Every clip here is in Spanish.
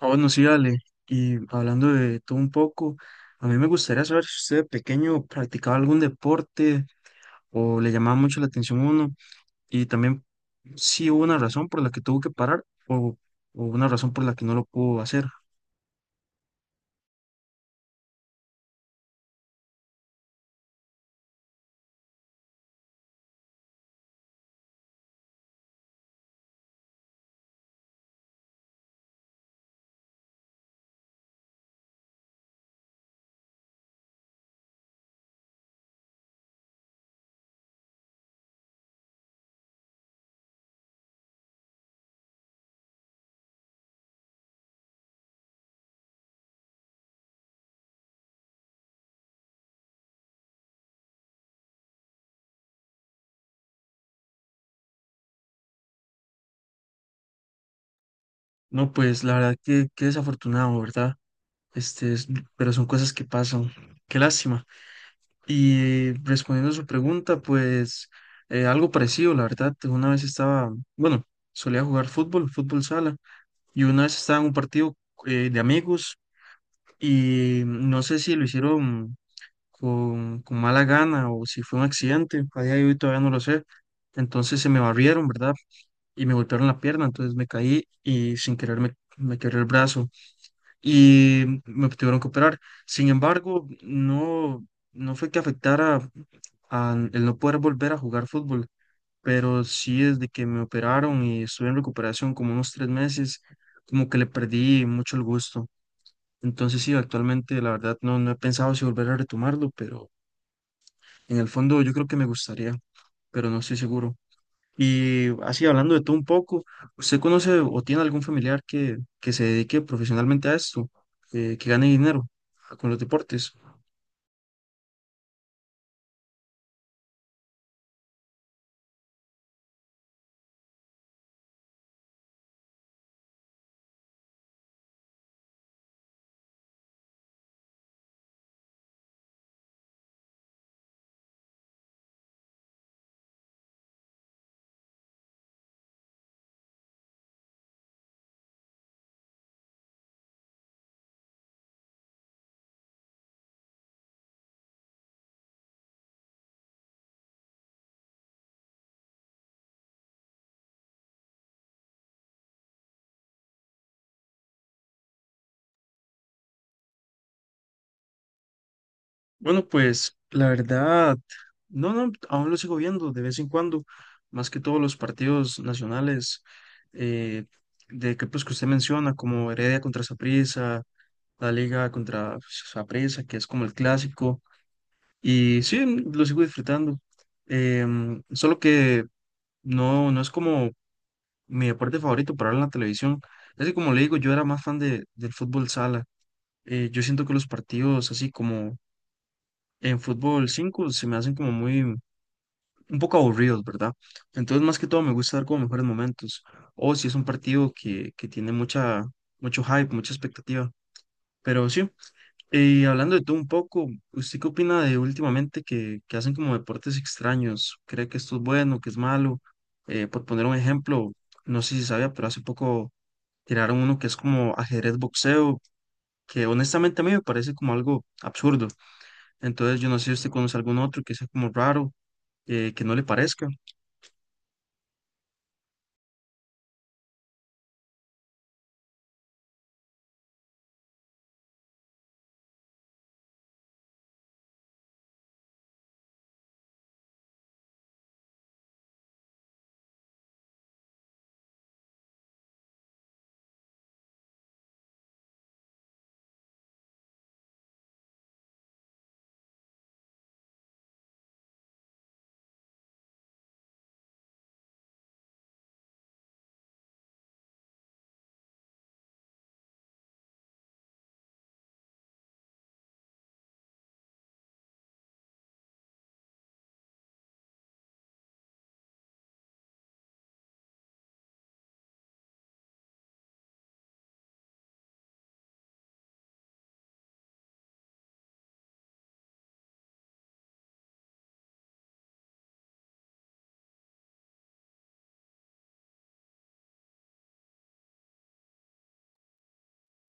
Ah, bueno, sí, Ale. Y hablando de todo un poco, a mí me gustaría saber si usted de pequeño practicaba algún deporte o le llamaba mucho la atención uno y también si hubo una razón por la que tuvo que parar o una razón por la que no lo pudo hacer. No, pues la verdad que qué desafortunado, ¿verdad? Este, pero son cosas que pasan. Qué lástima. Y respondiendo a su pregunta, pues algo parecido, la verdad. Una vez estaba, bueno, solía jugar fútbol, fútbol sala. Y una vez estaba en un partido de amigos y no sé si lo hicieron con mala gana o si fue un accidente, a día de hoy todavía no lo sé. Entonces se me barrieron, ¿verdad? Y me golpearon la pierna, entonces me caí y sin querer me quebré el brazo y me tuvieron que operar. Sin embargo, no, no fue que afectara a el no poder volver a jugar fútbol, pero sí desde que me operaron y estuve en recuperación como unos 3 meses, como que le perdí mucho el gusto. Entonces sí, actualmente la verdad no, no he pensado si volver a retomarlo, pero en el fondo yo creo que me gustaría, pero no estoy seguro. Y así hablando de todo un poco, ¿usted conoce o tiene algún familiar que se dedique profesionalmente a esto, que gane dinero con los deportes? Bueno, pues la verdad, no, no, aún lo sigo viendo de vez en cuando, más que todos los partidos nacionales, eh, de equipos que usted menciona, como Heredia contra Saprissa, la Liga contra Saprissa, que es como el clásico, y sí, lo sigo disfrutando. Solo que no, no es como mi deporte favorito para ver en la televisión. Así como le digo, yo era más fan del fútbol sala. Yo siento que los partidos así como en fútbol 5 se me hacen como muy, un poco aburridos, ¿verdad? Entonces, más que todo, me gusta dar como mejores momentos. O si es un partido que tiene mucha, mucho hype, mucha expectativa. Pero sí, y hablando de todo un poco, ¿usted qué opina de últimamente que hacen como deportes extraños? ¿Cree que esto es bueno, que es malo? Por poner un ejemplo, no sé si sabía, pero hace poco tiraron uno que es como ajedrez boxeo, que honestamente a mí me parece como algo absurdo. Entonces, yo no sé si usted conoce algún otro que sea como raro, que no le parezca.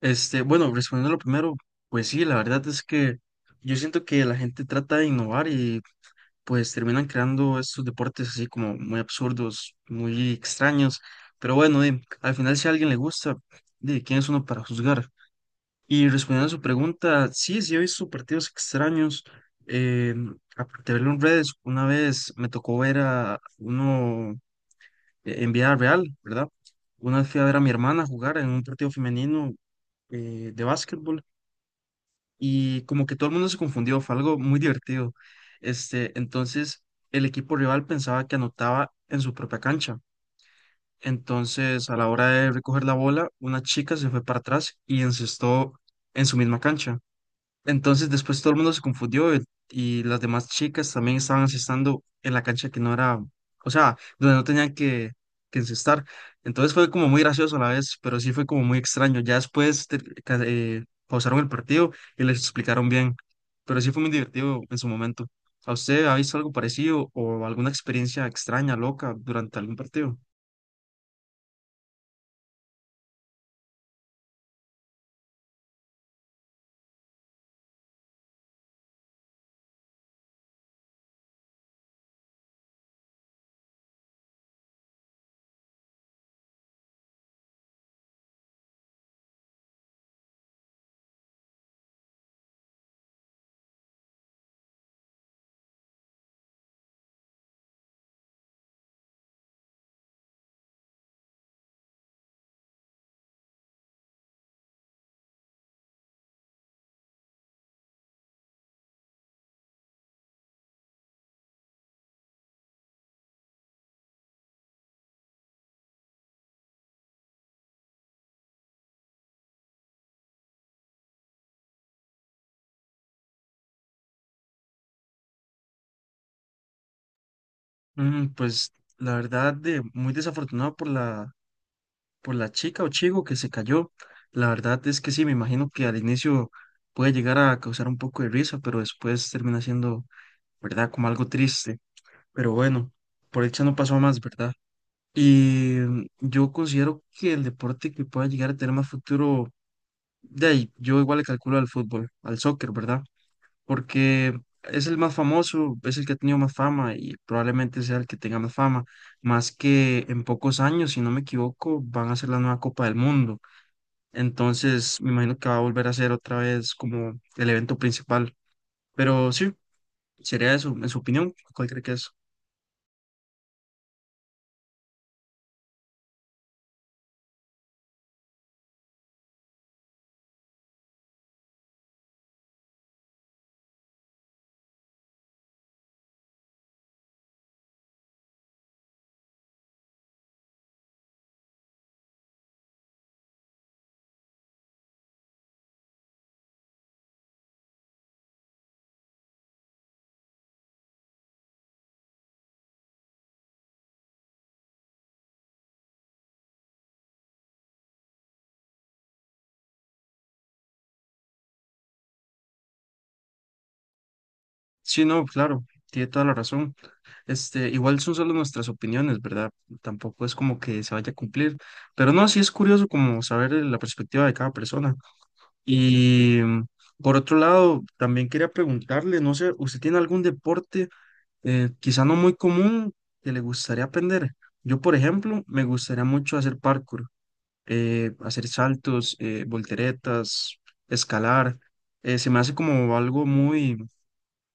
Este, bueno, respondiendo a lo primero, pues sí, la verdad es que yo siento que la gente trata de innovar y pues terminan creando estos deportes así como muy absurdos, muy extraños, pero bueno, di, al final si a alguien le gusta, de quién es uno para juzgar. Y respondiendo a su pregunta, sí, sí he visto partidos extraños, eh, aparte de verlo en redes, una vez me tocó ver a uno en vida real, ¿verdad? Una vez fui a ver a mi hermana jugar en un partido femenino, de básquetbol, y como que todo el mundo se confundió, fue algo muy divertido. Este, entonces el equipo rival pensaba que anotaba en su propia cancha. Entonces, a la hora de recoger la bola, una chica se fue para atrás y encestó en su misma cancha. Entonces después todo el mundo se confundió, y las demás chicas también estaban asestando en la cancha que no era, o sea, donde no tenían que encestar. Entonces fue como muy gracioso a la vez, pero sí fue como muy extraño. Ya después pausaron el partido y les explicaron bien, pero sí fue muy divertido en su momento. ¿A usted ha visto algo parecido o alguna experiencia extraña, loca, durante algún partido? Mm, pues la verdad, muy desafortunado por la chica o chico que se cayó. La verdad es que sí, me imagino que al inicio puede llegar a causar un poco de risa, pero después termina siendo, ¿verdad? Como algo triste. Pero bueno, por dicha no pasó a más, ¿verdad? Y yo considero que el deporte que pueda llegar a tener más futuro, de ahí, yo igual le calculo al fútbol, al soccer, ¿verdad? Porque es el más famoso, es el que ha tenido más fama y probablemente sea el que tenga más fama, más que en pocos años, si no me equivoco, van a ser la nueva Copa del Mundo. Entonces, me imagino que va a volver a ser otra vez como el evento principal. Pero sí, sería eso, en su opinión, ¿cuál cree que es? Sí, no, claro, tiene toda la razón. Este, igual son solo nuestras opiniones, ¿verdad? Tampoco es como que se vaya a cumplir. Pero no, sí es curioso como saber, la perspectiva de cada persona. Y por otro lado, también quería preguntarle, no sé, ¿usted tiene algún deporte, quizá no muy común, que le gustaría aprender? Yo, por ejemplo, me gustaría mucho hacer parkour, hacer saltos, volteretas, escalar. Se me hace como algo muy,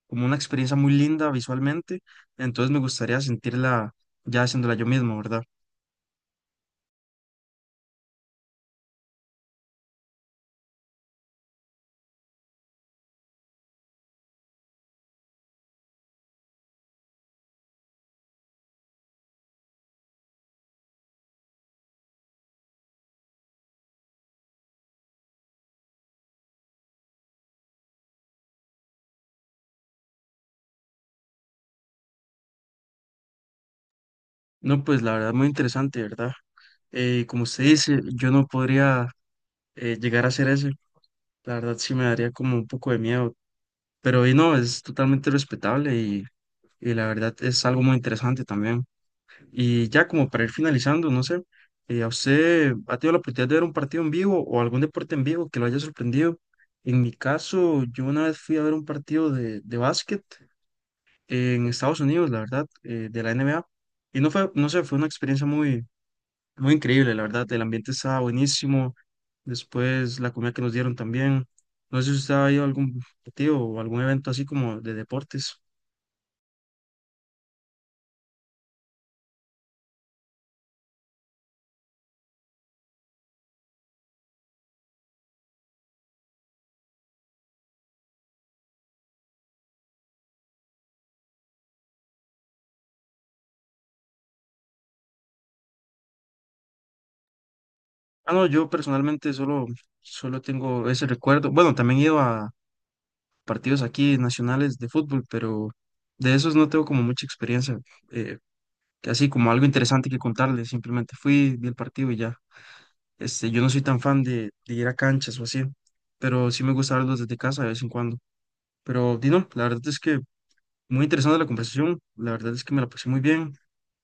como una experiencia muy linda visualmente, entonces me gustaría sentirla ya haciéndola yo mismo, ¿verdad? No, pues la verdad, muy interesante, ¿verdad? Como usted dice, yo no podría, llegar a hacer eso, la verdad sí me daría como un poco de miedo, pero y no, es totalmente respetable y la verdad es algo muy interesante también. Y ya como para ir finalizando, no sé, ¿a usted ha tenido la oportunidad de ver un partido en vivo o algún deporte en vivo que lo haya sorprendido? En mi caso, yo una vez fui a ver un partido de básquet en Estados Unidos, la verdad, de la NBA. Y no fue, no sé, fue una experiencia muy, muy increíble, la verdad. El ambiente estaba buenísimo. Después la comida que nos dieron también. No sé si usted ha ido a algún partido o algún evento así como de deportes. Ah, no, yo personalmente solo tengo ese recuerdo. Bueno, también he ido a partidos aquí nacionales de fútbol, pero de esos no tengo como mucha experiencia, eh, así como algo interesante que contarles, simplemente fui, vi el partido y ya. Este, yo no soy tan fan de ir a canchas o así, pero sí me gusta verlos desde casa de vez en cuando. Pero Dino, la verdad es que muy interesante la conversación, la verdad es que me la pasé muy bien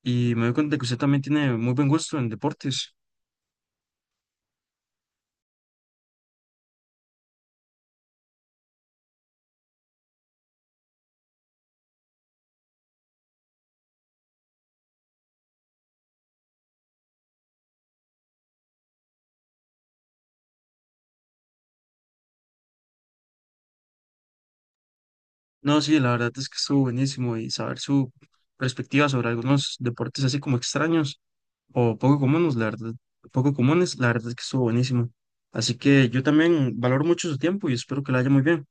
y me doy cuenta de que usted también tiene muy buen gusto en deportes. No, sí, la verdad es que estuvo buenísimo y saber su perspectiva sobre algunos deportes así como extraños o poco comunes, la verdad, poco comunes, la verdad es que estuvo buenísimo. Así que yo también valoro mucho su tiempo y espero que la haya muy bien.